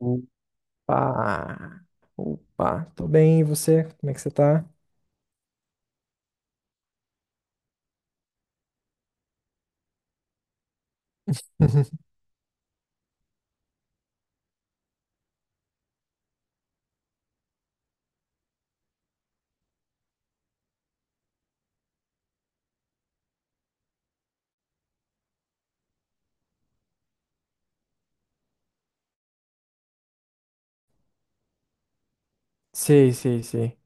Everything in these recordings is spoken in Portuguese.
Opa! Opa! Tô bem, e você? Como é que você tá? Sei, sei, sei.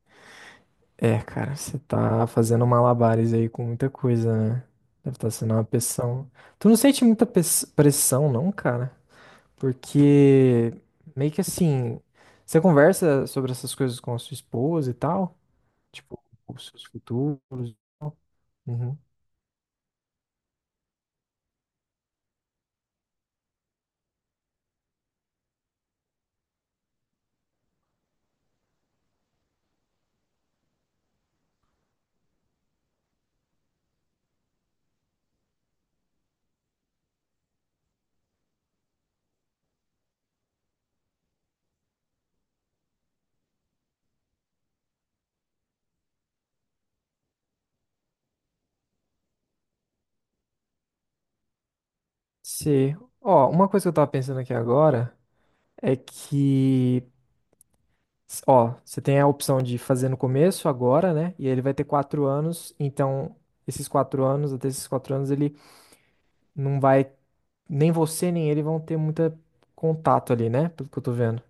É, cara, você tá fazendo malabares aí com muita coisa, né? Deve estar sendo uma pressão. Tu não sente muita pressão, não, cara? Porque meio que assim, você conversa sobre essas coisas com a sua esposa e tal? Tipo, os seus futuros. E tal? Uhum. Sei. Ó, uma coisa que eu tava pensando aqui agora é que. Ó, você tem a opção de fazer no começo, agora, né? E ele vai ter quatro anos, então esses quatro anos, até esses quatro anos, ele não vai. Nem você, nem ele vão ter muito contato ali, né? Pelo que eu tô vendo.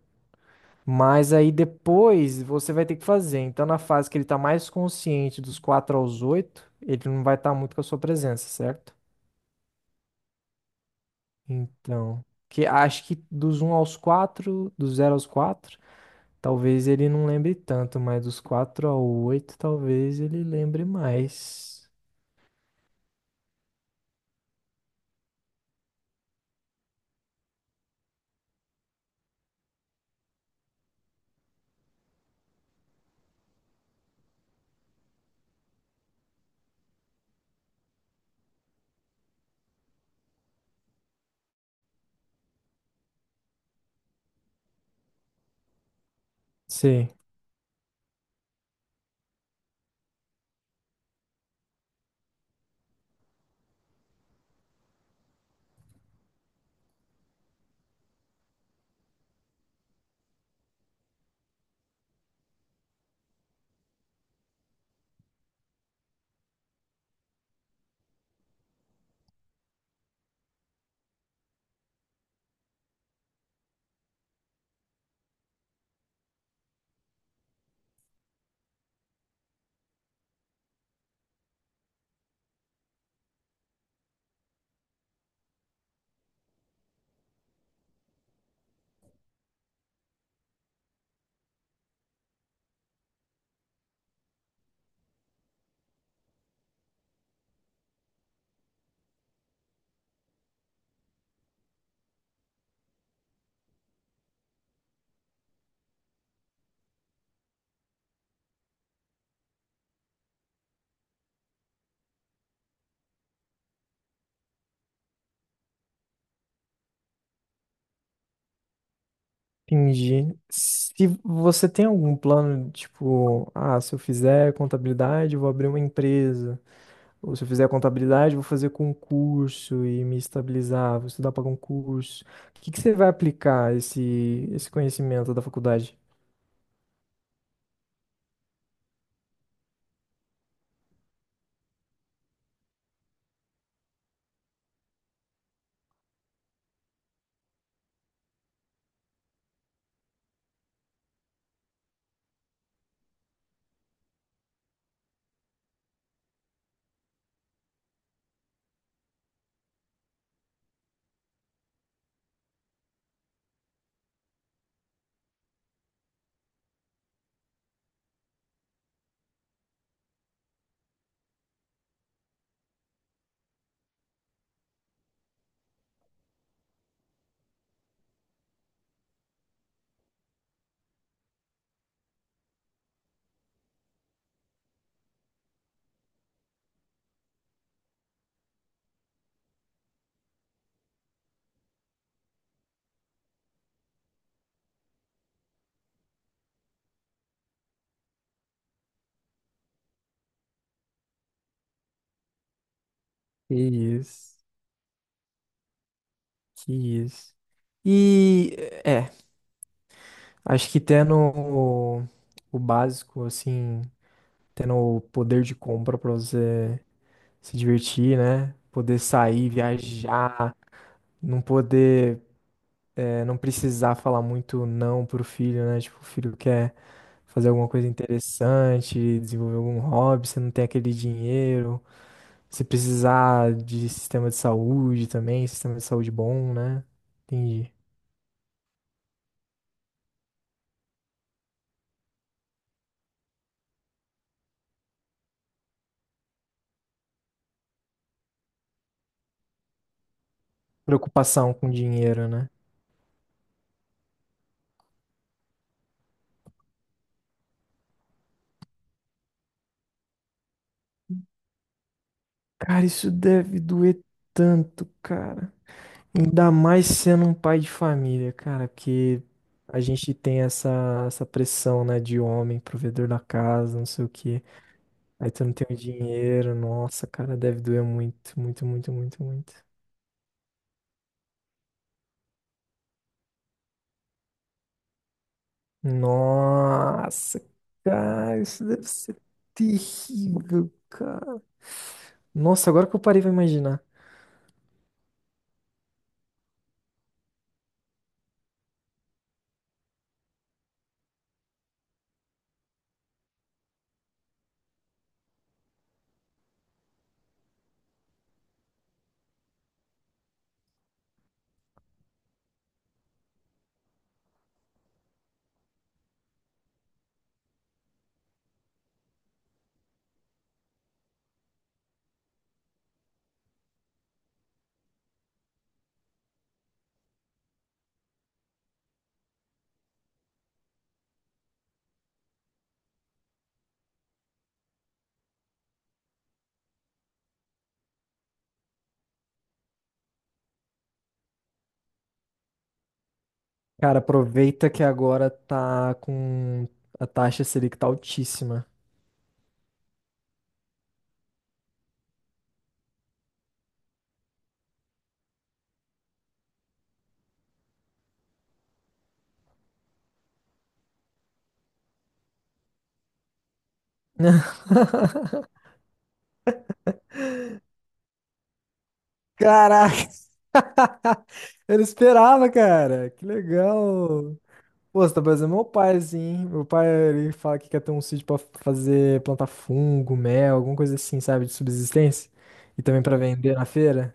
Mas aí depois você vai ter que fazer. Então, na fase que ele tá mais consciente dos quatro aos oito, ele não vai estar muito com a sua presença, certo? Então. Que acho que dos um aos quatro, do zero aos quatro. Talvez ele não lembre tanto, mas dos 4 ao 8 talvez ele lembre mais. Sim, entendi. Se você tem algum plano, tipo, ah, se eu fizer contabilidade, eu vou abrir uma empresa. Ou se eu fizer contabilidade, eu vou fazer concurso e me estabilizar, vou estudar para concurso. O que você vai aplicar esse conhecimento da faculdade? Que isso, que isso. E. é. Acho que tendo o básico, assim, tendo o poder de compra pra você se divertir, né? Poder sair, viajar, não poder, não precisar falar muito não pro filho, né? Tipo, o filho quer fazer alguma coisa interessante, desenvolver algum hobby, você não tem aquele dinheiro. Se precisar de sistema de saúde também, sistema de saúde bom, né? Entendi. Preocupação com dinheiro, né? Cara, isso deve doer tanto, cara. Ainda mais sendo um pai de família, cara, porque a gente tem essa pressão, né, de homem, provedor da casa, não sei o quê. Aí tu não tem o dinheiro, nossa, cara, deve doer muito, muito, muito, muito, muito. Nossa, cara, isso deve ser terrível, cara. Nossa, agora que eu parei pra imaginar. Cara, aproveita que agora tá com a taxa Selic tá altíssima. Caraca! Eu não esperava, cara. Que legal. Pô, você tá parecendo meu pai, assim, hein? Meu pai, ele fala que quer ter um sítio pra fazer, plantar fungo, mel, alguma coisa assim, sabe? De subsistência. E também pra vender na feira.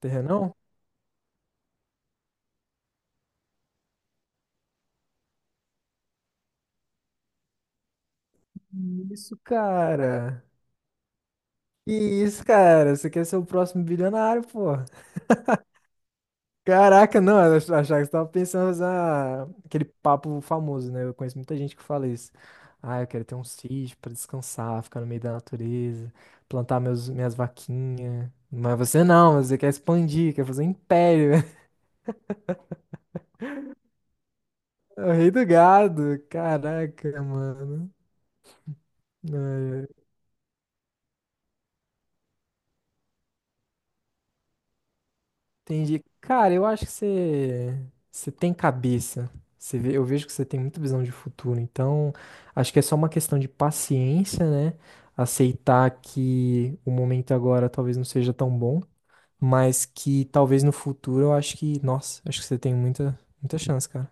Terrenão? Isso, cara. Que isso, cara. Você quer ser o próximo bilionário, pô. Caraca, não, eu achava que você tava pensando em fazer aquele papo famoso, né? Eu conheço muita gente que fala isso. Ah, eu quero ter um sítio pra descansar, ficar no meio da natureza, plantar minhas vaquinhas. Mas você não, você quer expandir, quer fazer um império. É o rei do gado. Caraca, mano. Entendi. Cara, eu acho que você tem cabeça. Eu vejo que você tem muita visão de futuro. Então, acho que é só uma questão de paciência, né? Aceitar que o momento agora talvez não seja tão bom, mas que talvez no futuro eu acho que, nossa, acho que você tem muita, muita chance, cara.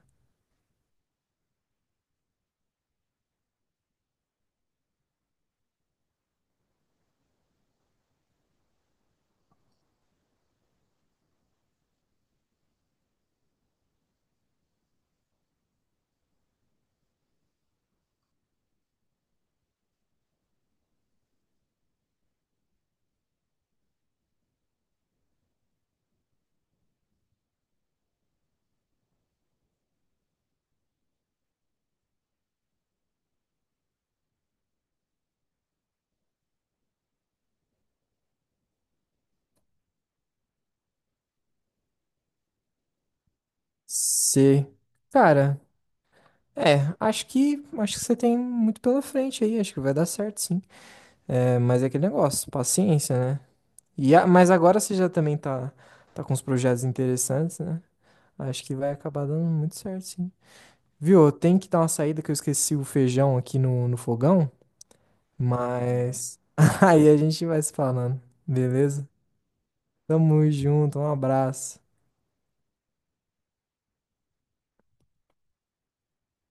Você, cara, é, acho que você tem muito pela frente aí. Acho que vai dar certo, sim. É, mas é aquele negócio, paciência, né? Mas agora você já também tá com uns projetos interessantes, né? Acho que vai acabar dando muito certo, sim. Viu? Eu tenho que dar uma saída que eu esqueci o feijão aqui no fogão, mas aí a gente vai se falando, beleza? Tamo junto, um abraço.